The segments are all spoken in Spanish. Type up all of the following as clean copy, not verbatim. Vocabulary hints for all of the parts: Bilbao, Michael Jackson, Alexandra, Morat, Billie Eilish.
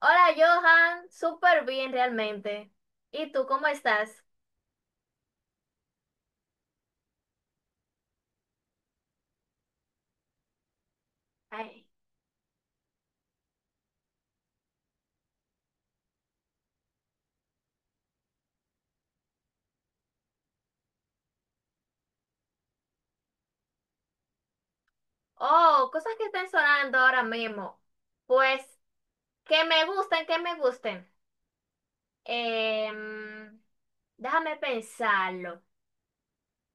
Hola Johan, súper bien realmente. ¿Y tú cómo estás? Ay. Oh, cosas que están sonando ahora mismo. Pues que me gusten, que me gusten. Em, déjame pensarlo.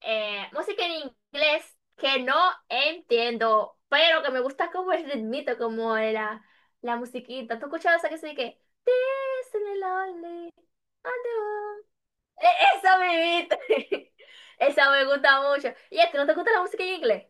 Música en inglés que no entiendo, pero que me gusta como el ritmito, como la musiquita. ¿Tú escuchabas esa que se dice que This is lonely, I know"? Esa mimita. Esa me gusta mucho. ¿Y es que no te gusta la música en inglés?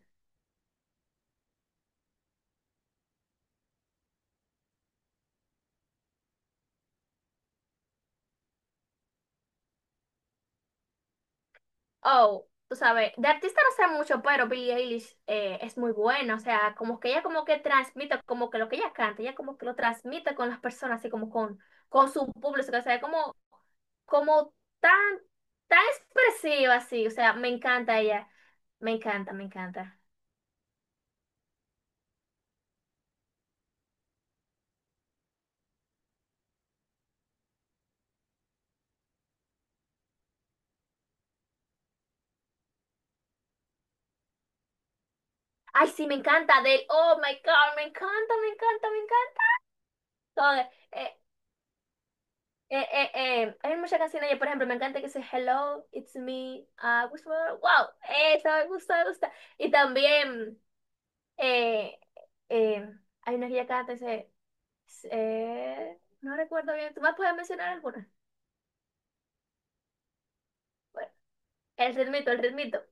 Oh, tú sabes, de artista no sé mucho, pero Billie Eilish es muy buena. O sea, como que ella como que transmite, como que lo que ella canta, ella como que lo transmite con las personas, así como con su público. O sea, como tan, tan expresiva, así. O sea, me encanta ella. Me encanta, me encanta. Ay, sí, me encanta de él. Oh my God, me encanta, me encanta, me encanta. Eh, eh, hay muchas canciones, yo, por ejemplo, me encanta que dice Hello, it's me, wish for-" wow, esa me gusta, me gusta. Y también eh, eh, hay una que ella canta, dice, no recuerdo bien, ¿tú vas a poder mencionar alguna? Bueno, el ritmito, el ritmito.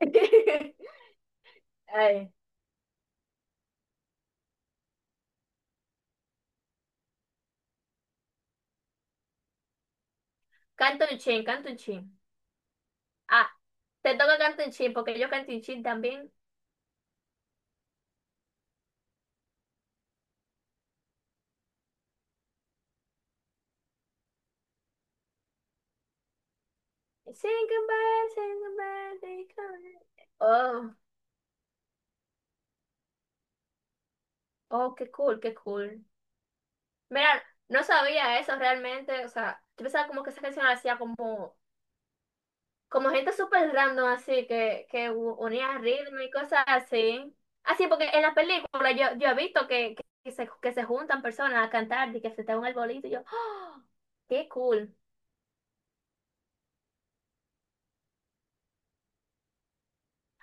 Ay, canto un chin, canto un chin. Ah, te toca canto un chin, porque yo canto un chin también. Sing goodbye, sing goodbye, sing goodbye. Oh, oh, qué cool, qué cool. Mira, no sabía eso realmente, o sea, yo pensaba como que esa canción la hacía como gente súper random así, que unía ritmo y cosas así. Así, porque en la película yo he visto que se juntan personas a cantar y que se te un arbolito y yo, ¡oh! ¡Qué cool!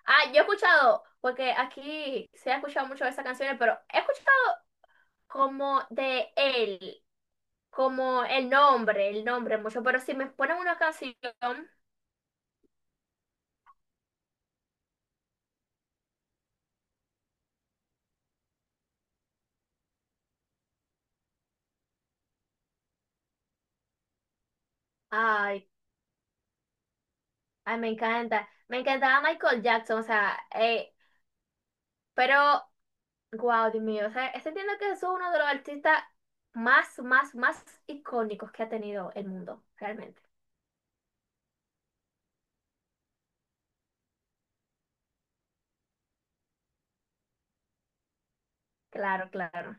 Ah, yo he escuchado, porque aquí se ha escuchado mucho de esas canciones, pero he escuchado como de él, como el nombre mucho, pero si me ponen una canción... Ay, ay, me encanta. Me encantaba Michael Jackson, o sea, pero, wow, Dios mío, o sea, es- entiendo que es uno de los artistas más, más, más icónicos que ha tenido el mundo, realmente. Claro, claro.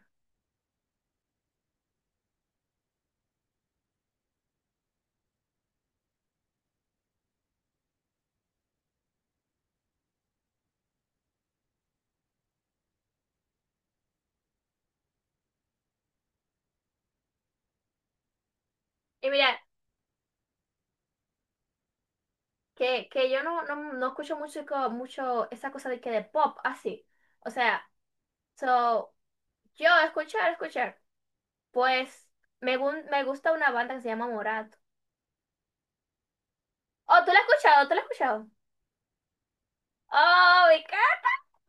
Y mira, que yo no escucho mucho esa cosa de pop, así. O sea, so, yo escuchar, escuchar, pues me gusta una banda que se llama Morat. Oh, ¿tú la has escuchado? ¿Tú la has escuchado? Oh,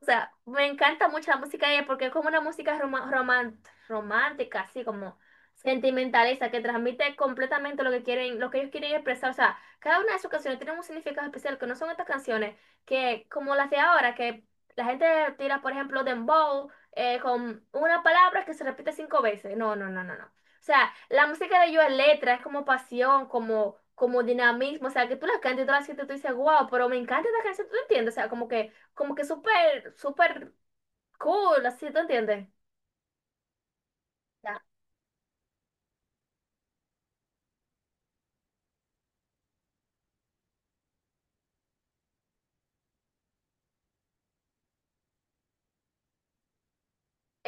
o sea, me encanta mucho la música de ella porque es como una música romántica, así como sentimentalista, que transmite completamente lo que quieren, lo que ellos quieren expresar. O sea, cada una de sus canciones tiene un significado especial, que no son estas canciones que, como las de ahora, que la gente tira, por ejemplo, dembow, con una palabra que se repite cinco veces. No, no, no, no, no. O sea, la música de ellos es letra, es como pasión, como dinamismo. O sea, que tú la cantas y tú la sientes, tú dices, wow, pero me encanta esta canción, ¿tú entiendes? O sea, como que súper, súper cool, así, ¿te entiendes? Ya.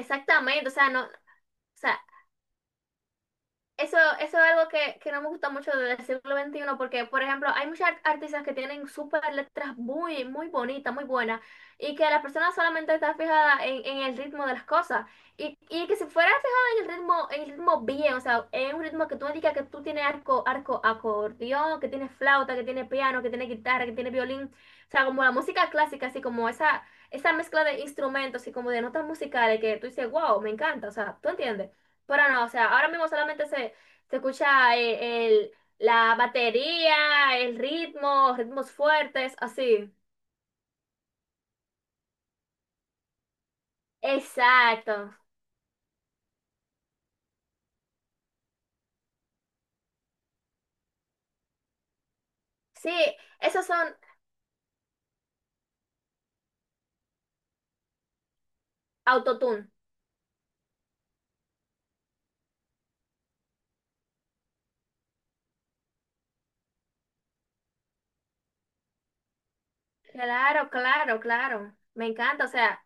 Exactamente, o sea, no, o sea, eso es algo que no me gusta mucho del siglo XXI porque, por ejemplo, hay muchas art- artistas que tienen súper letras muy, muy bonitas, muy buenas, y que la persona solamente está fijada en el ritmo de las cosas. Y que si fuera fijada en el ritmo bien, o sea, en un ritmo que tú digas que tú tienes acordeón, que tienes flauta, que tienes piano, que tienes guitarra, que tienes violín, o sea, como la música clásica, así como esa mezcla de instrumentos y como de notas musicales que tú dices, wow, me encanta, o sea, ¿tú entiendes? Pero no, o sea, ahora mismo solamente se escucha la batería, el ritmo, ritmos fuertes, así. Exacto. Sí, esos son autotune. Claro, claro, claro. Me encanta, o sea.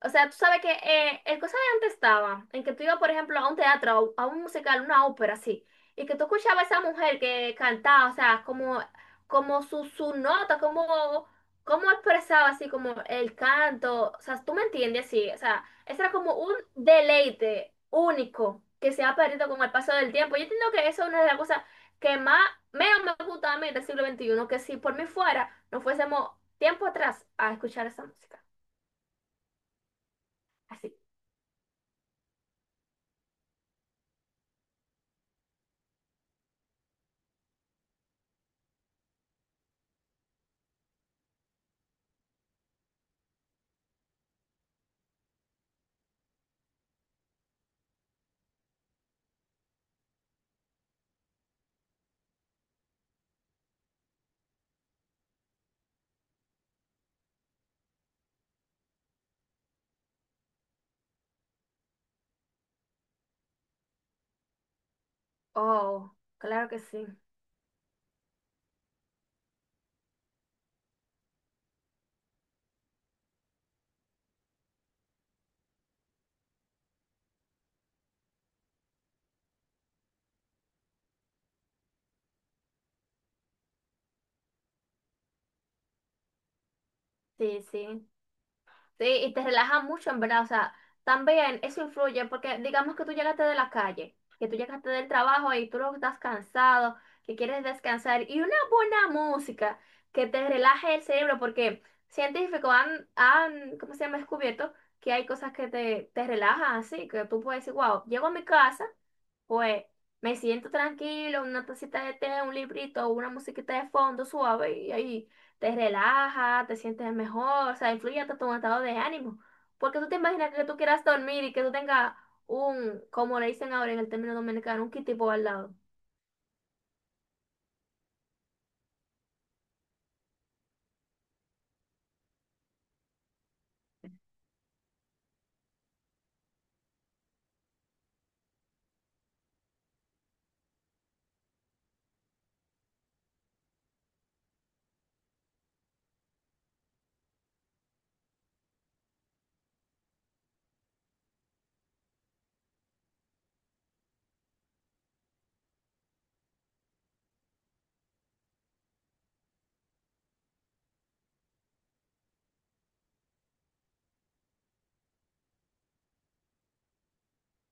O sea, tú sabes que el cosa de antes estaba en que tú ibas, por ejemplo, a un teatro, a un musical, una ópera, así, y que tú escuchabas a esa mujer que cantaba, o sea, como, como su nota, como, como expresaba así como el canto, o sea, tú me entiendes, sí, o sea, eso era como un deleite único que se ha perdido con el paso del tiempo. Yo entiendo que eso es una de las cosas que más, menos me gusta a mí del siglo XXI que si por mí fuera, no fuésemos tiempo atrás a escuchar esa música. Así. Oh, claro que sí. Sí, sí. Sí, y te relaja mucho, en verdad. O sea, también eso influye porque digamos que tú llegaste de la calle, que tú llegaste del trabajo y tú luego estás cansado, que quieres descansar. Y una buena música que te relaje el cerebro porque científicos ¿cómo se llama? Descubierto que hay cosas que te relajan así, que tú puedes decir, wow, llego a mi casa. Pues me siento tranquilo, una tacita de té, un librito, una musiquita de fondo suave y ahí te relaja, te sientes mejor, o sea, influye hasta tu estado de ánimo. Porque tú te imaginas que tú quieras dormir y que tú tengas un, como le dicen ahora en el término dominicano, un kitipo al lado.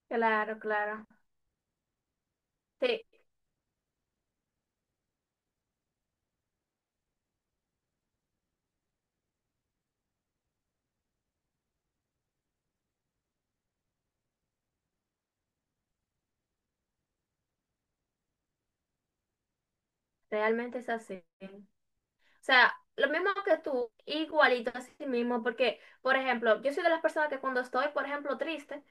Claro, claro. Sí, realmente es así. O sea, lo mismo que tú, igualito a sí mismo, porque, por ejemplo, yo soy de las personas que cuando estoy, por ejemplo, triste,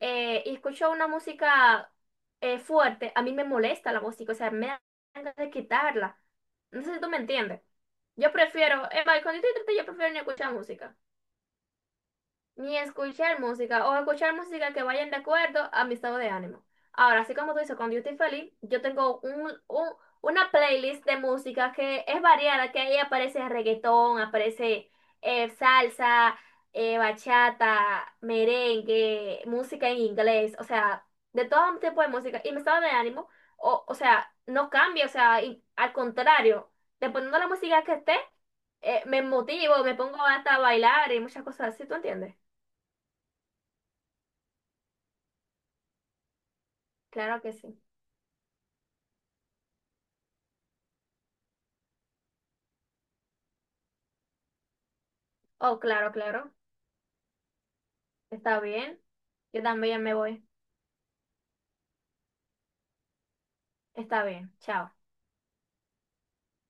y escucho una música fuerte, a mí me molesta la música, o sea, me dan ganas de quitarla. No sé si tú me entiendes. Yo prefiero, es más, cuando estoy triste, yo prefiero ni escuchar música ni escuchar música o escuchar música que vayan de acuerdo a mi estado de ánimo. Ahora, así como tú dices, cuando yo estoy feliz, yo tengo una playlist de música que es variada, que ahí aparece reggaetón, aparece salsa, bachata, merengue, música en inglés, o sea, de todo tipo de música. Y mi estado de ánimo, o sea, no cambia, o sea, al contrario, dependiendo de la música que esté, me motivo, me pongo hasta a bailar y muchas cosas así, ¿tú entiendes? Claro que sí. Oh, claro, claro. Está bien. Yo también me voy. Está bien. Chao.